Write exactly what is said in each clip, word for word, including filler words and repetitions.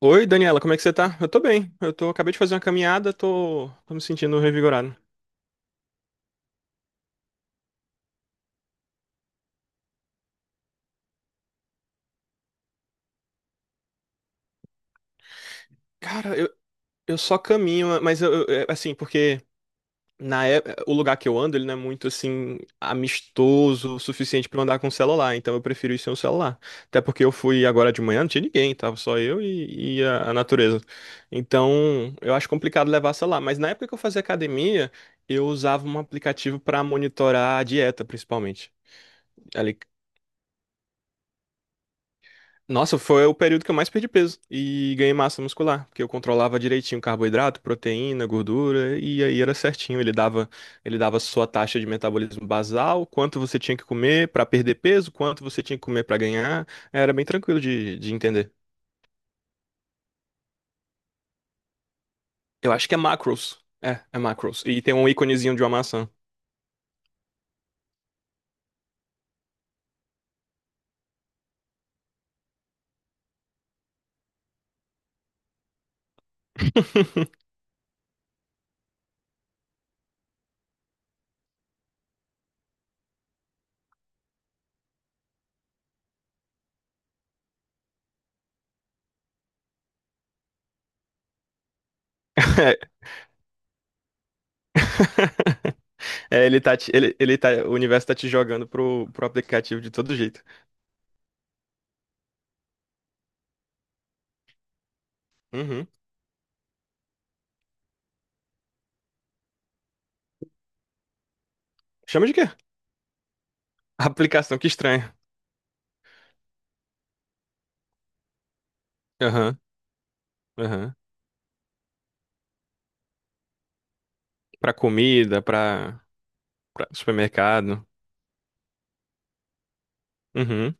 Oi, Daniela, como é que você tá? Eu tô bem. Eu tô, acabei de fazer uma caminhada, tô, tô me sentindo revigorado. Cara, eu, eu só caminho, mas eu, eu- é, assim, porque na é- o lugar que eu ando, ele não é muito assim amistoso o suficiente pra eu andar com o celular, então eu prefiro ir sem o celular. Até porque eu fui agora de manhã, não tinha ninguém, tava só eu e, e a, a natureza. Então, eu acho complicado levar celular, mas na época que eu fazia academia, eu usava um aplicativo pra monitorar a dieta, principalmente. Nossa, foi o período que eu mais perdi peso e ganhei massa muscular, porque eu controlava direitinho carboidrato, proteína, gordura, e aí era certinho. Ele dava, ele dava sua taxa de metabolismo basal, quanto você tinha que comer para perder peso, quanto você tinha que comer para ganhar. Era bem tranquilo de, de entender. Eu acho que é macros. É, é macros. E tem um íconezinho de uma maçã. É. É, ele tá, te- ele, ele tá, o universo tá te jogando pro, pro aplicativo de todo jeito. Uhum. Chama de quê? Aplicação, que estranho. Aham. Pra comida, pra, pra supermercado. Uhum.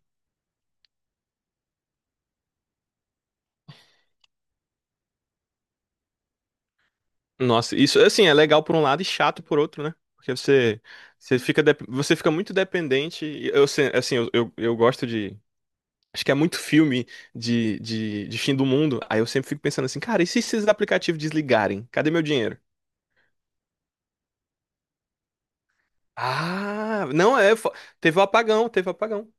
Nossa, isso assim é legal por um lado e chato por outro, né? Porque você, você fica, dep- você fica muito dependente. E Eu, se- assim, eu, eu, eu gosto de. Acho que é muito filme de, de, de fim do mundo. Aí eu sempre fico pensando assim, cara, e se esses aplicativos desligarem? Cadê meu dinheiro? Ah, não é. fo- Teve o apagão, teve o apagão.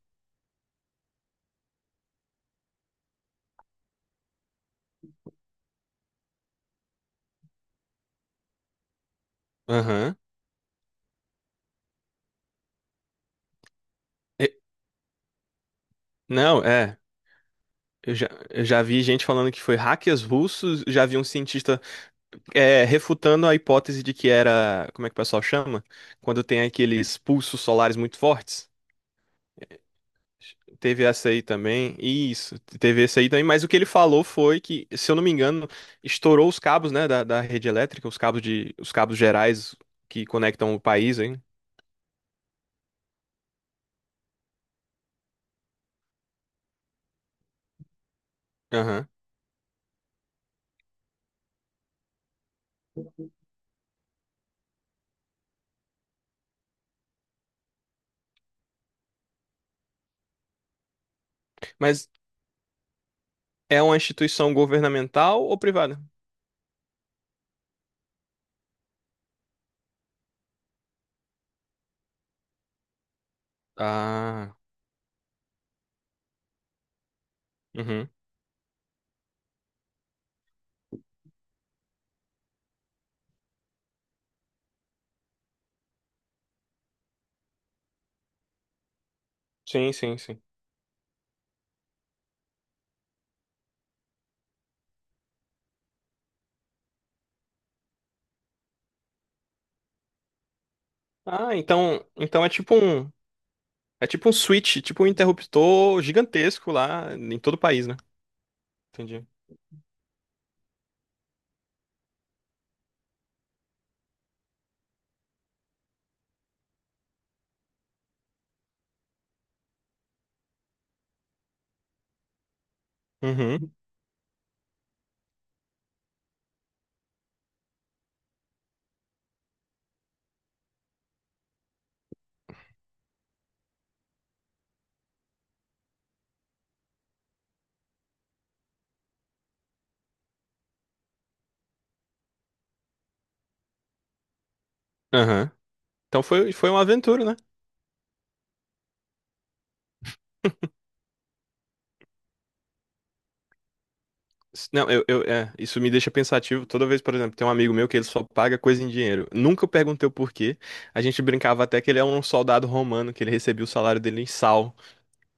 Aham. E- Não, é. Eu já, eu já vi gente falando que foi hackers russos, já vi um cientista, É, refutando a hipótese de que era, como é que o pessoal chama? Quando tem aqueles pulsos solares muito fortes. Teve essa aí também. Isso, teve essa aí também. Mas o que ele falou foi que, se eu não me engano, estourou os cabos, né, da, da rede elétrica, os cabos de, os cabos gerais que conectam o país, hein? Aham. Mas é uma instituição governamental ou privada? Ah, uhum. Sim, sim, sim. Ah, então, então é tipo um É tipo um switch, tipo um interruptor gigantesco lá em todo o país, né? Entendi. Uhum. Aham. Então foi, foi uma aventura, né? S- Não, eu, eu- é, isso me deixa pensativo. Toda vez, por exemplo, tem um amigo meu que ele só paga coisa em dinheiro. Nunca eu perguntei o porquê. A gente brincava até que ele é um soldado romano, que ele recebia o salário dele em sal.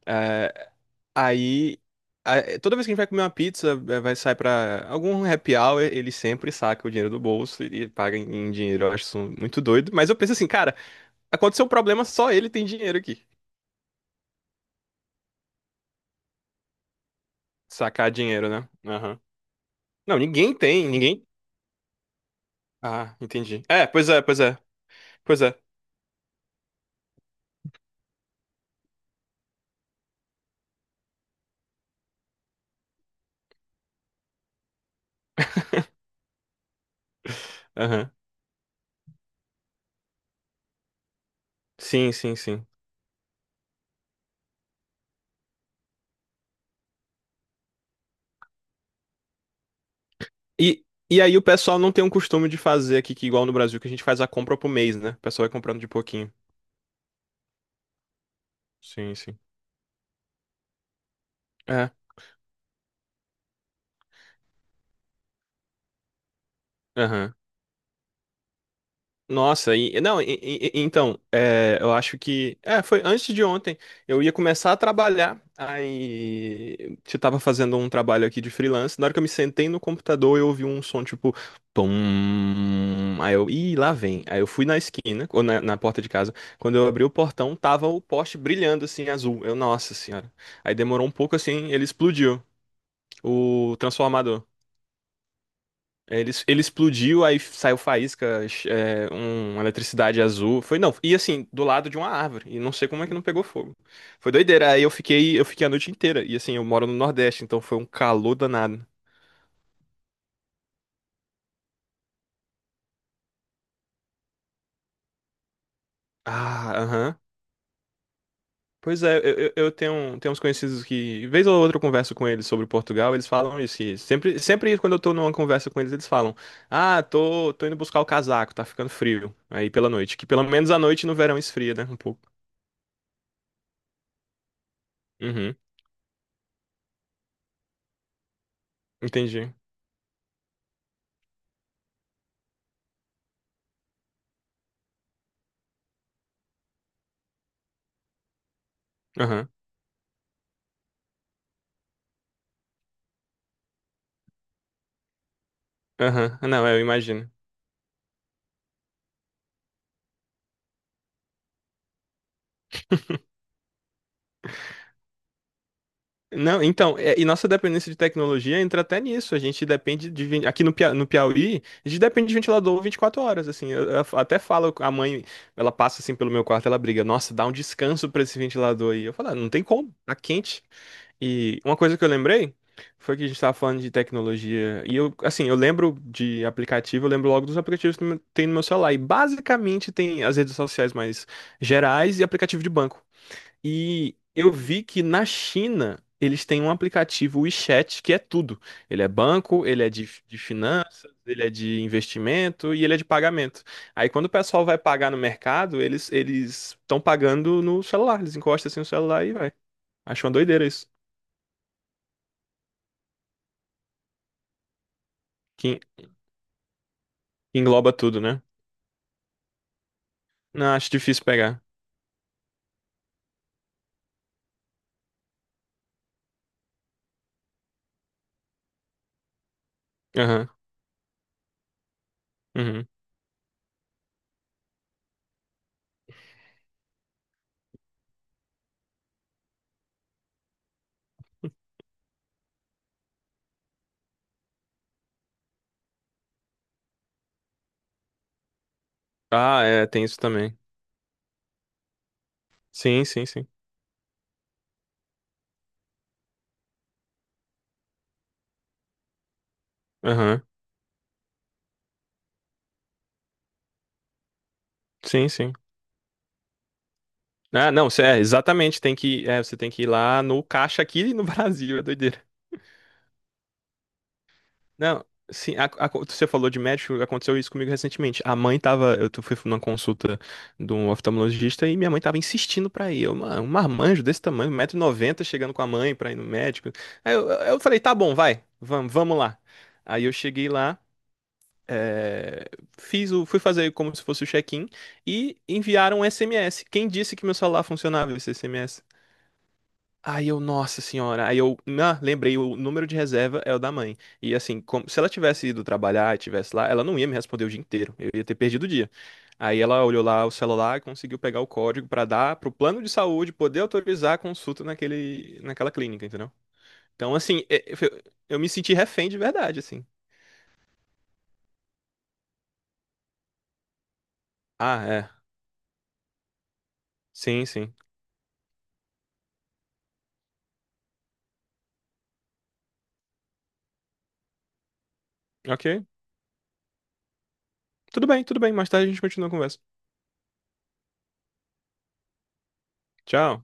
É, aí, a- toda vez que a gente vai comer uma pizza, é, vai sair pra algum happy hour, ele sempre saca o dinheiro do bolso e e paga em em dinheiro. Eu acho isso muito doido. Mas eu penso assim, cara. Aconteceu um problema, só ele tem dinheiro aqui. Sacar dinheiro, né? Aham. Não, ninguém tem, ninguém. Ah, entendi. É, pois é, pois é, pois é. Aham. Sim, sim, sim. E, e aí o pessoal não tem um costume de fazer aqui, que igual no Brasil, que a gente faz a compra pro mês, né? O pessoal vai comprando de pouquinho. Sim, sim. É. Aham. Nossa, e, não, e- e- e- então, é, eu acho que, é, foi antes de ontem. Eu ia começar a trabalhar, aí eu tava fazendo um trabalho aqui de freelance, na hora que eu me sentei no computador, eu ouvi um som, tipo, pum, aí eu, ih, lá vem, aí eu fui na esquina, ou na, na porta de casa. Quando eu abri o portão, tava o poste brilhando, assim, azul, eu, nossa senhora, aí demorou um pouco, assim, ele explodiu, o transformador. É. Ele, ele explodiu, aí saiu faísca, é, um- uma eletricidade azul. Foi, não, e assim, do lado de uma árvore. E não sei como é que não pegou fogo. Foi doideira. Aí eu fiquei, eu fiquei a noite inteira. E assim, eu moro no Nordeste, então foi um calor danado. Ah, aham. Pois é, eu, eu eu tenho, tenho uns conhecidos que, vez ou outra, eu converso com eles sobre Portugal, eles falam isso, que sempre, sempre quando eu tô numa conversa com eles, eles falam: Ah, tô, tô indo buscar o casaco, tá ficando frio. Aí pela noite. Que pelo menos à noite no verão esfria, né? Um pouco. Uhum, entendi. Aham. Aham. Não, eu imagino. Não, então, é- e nossa dependência de tecnologia entra até nisso. A gente depende de, ven- aqui no Pia- no Piauí, a gente depende de ventilador vinte e quatro horas, assim. Eu, eu até falo com a mãe, ela passa assim pelo meu quarto, ela briga, nossa, dá um descanso pra esse ventilador aí. Eu falo, "Ah, não tem como, tá quente." E uma coisa que eu lembrei foi que a gente tava falando de tecnologia. E eu, assim, eu lembro de aplicativo, eu lembro logo dos aplicativos que tem no meu celular. E basicamente tem as redes sociais mais gerais e aplicativo de banco. E eu vi que na China eles têm um aplicativo WeChat que é tudo. Ele é banco, ele é de, de finanças, ele é de investimento e ele é de pagamento. Aí quando o pessoal vai pagar no mercado, eles eles estão pagando no celular. Eles encostam assim no celular e vai. Acho uma doideira isso. Que en- que engloba tudo, né? Não, acho difícil pegar. Aham. Uhum. Ah, é, tem isso também. Sim, sim, sim. Aham. Sim, sim. Ah, não, cê- é, exatamente. Tem que, é, você tem que ir lá no caixa aqui no Brasil, é doideira. Não, sim, a- a- você falou de médico, aconteceu isso comigo recentemente. A mãe tava, eu tu- fui numa consulta de um oftalmologista e minha mãe tava insistindo pra ir. Eu, uma- um marmanjo desse tamanho, 190 noventa, chegando com a mãe pra ir no médico. Aí eu, eu falei, tá bom, vai, vamos, vamos lá. Aí eu cheguei lá, é, fiz o, fui fazer como se fosse o check-in e enviaram um S M S. Quem disse que meu celular funcionava esse S M S? Aí eu, nossa senhora, aí eu, ah, lembrei, o número de reserva é o da mãe. E assim, como- se ela tivesse ido trabalhar e tivesse lá, ela não ia me responder o dia inteiro, eu ia ter perdido o dia. Aí ela olhou lá o celular e conseguiu pegar o código pra dar pro plano de saúde poder autorizar a consulta naquele, naquela clínica, entendeu? Então, assim, é- é- foi- eu me senti refém de verdade, assim. Ah, é. Sim, sim. Ok. Tudo bem, tudo bem. Mais tarde a gente continua a conversa. Tchau.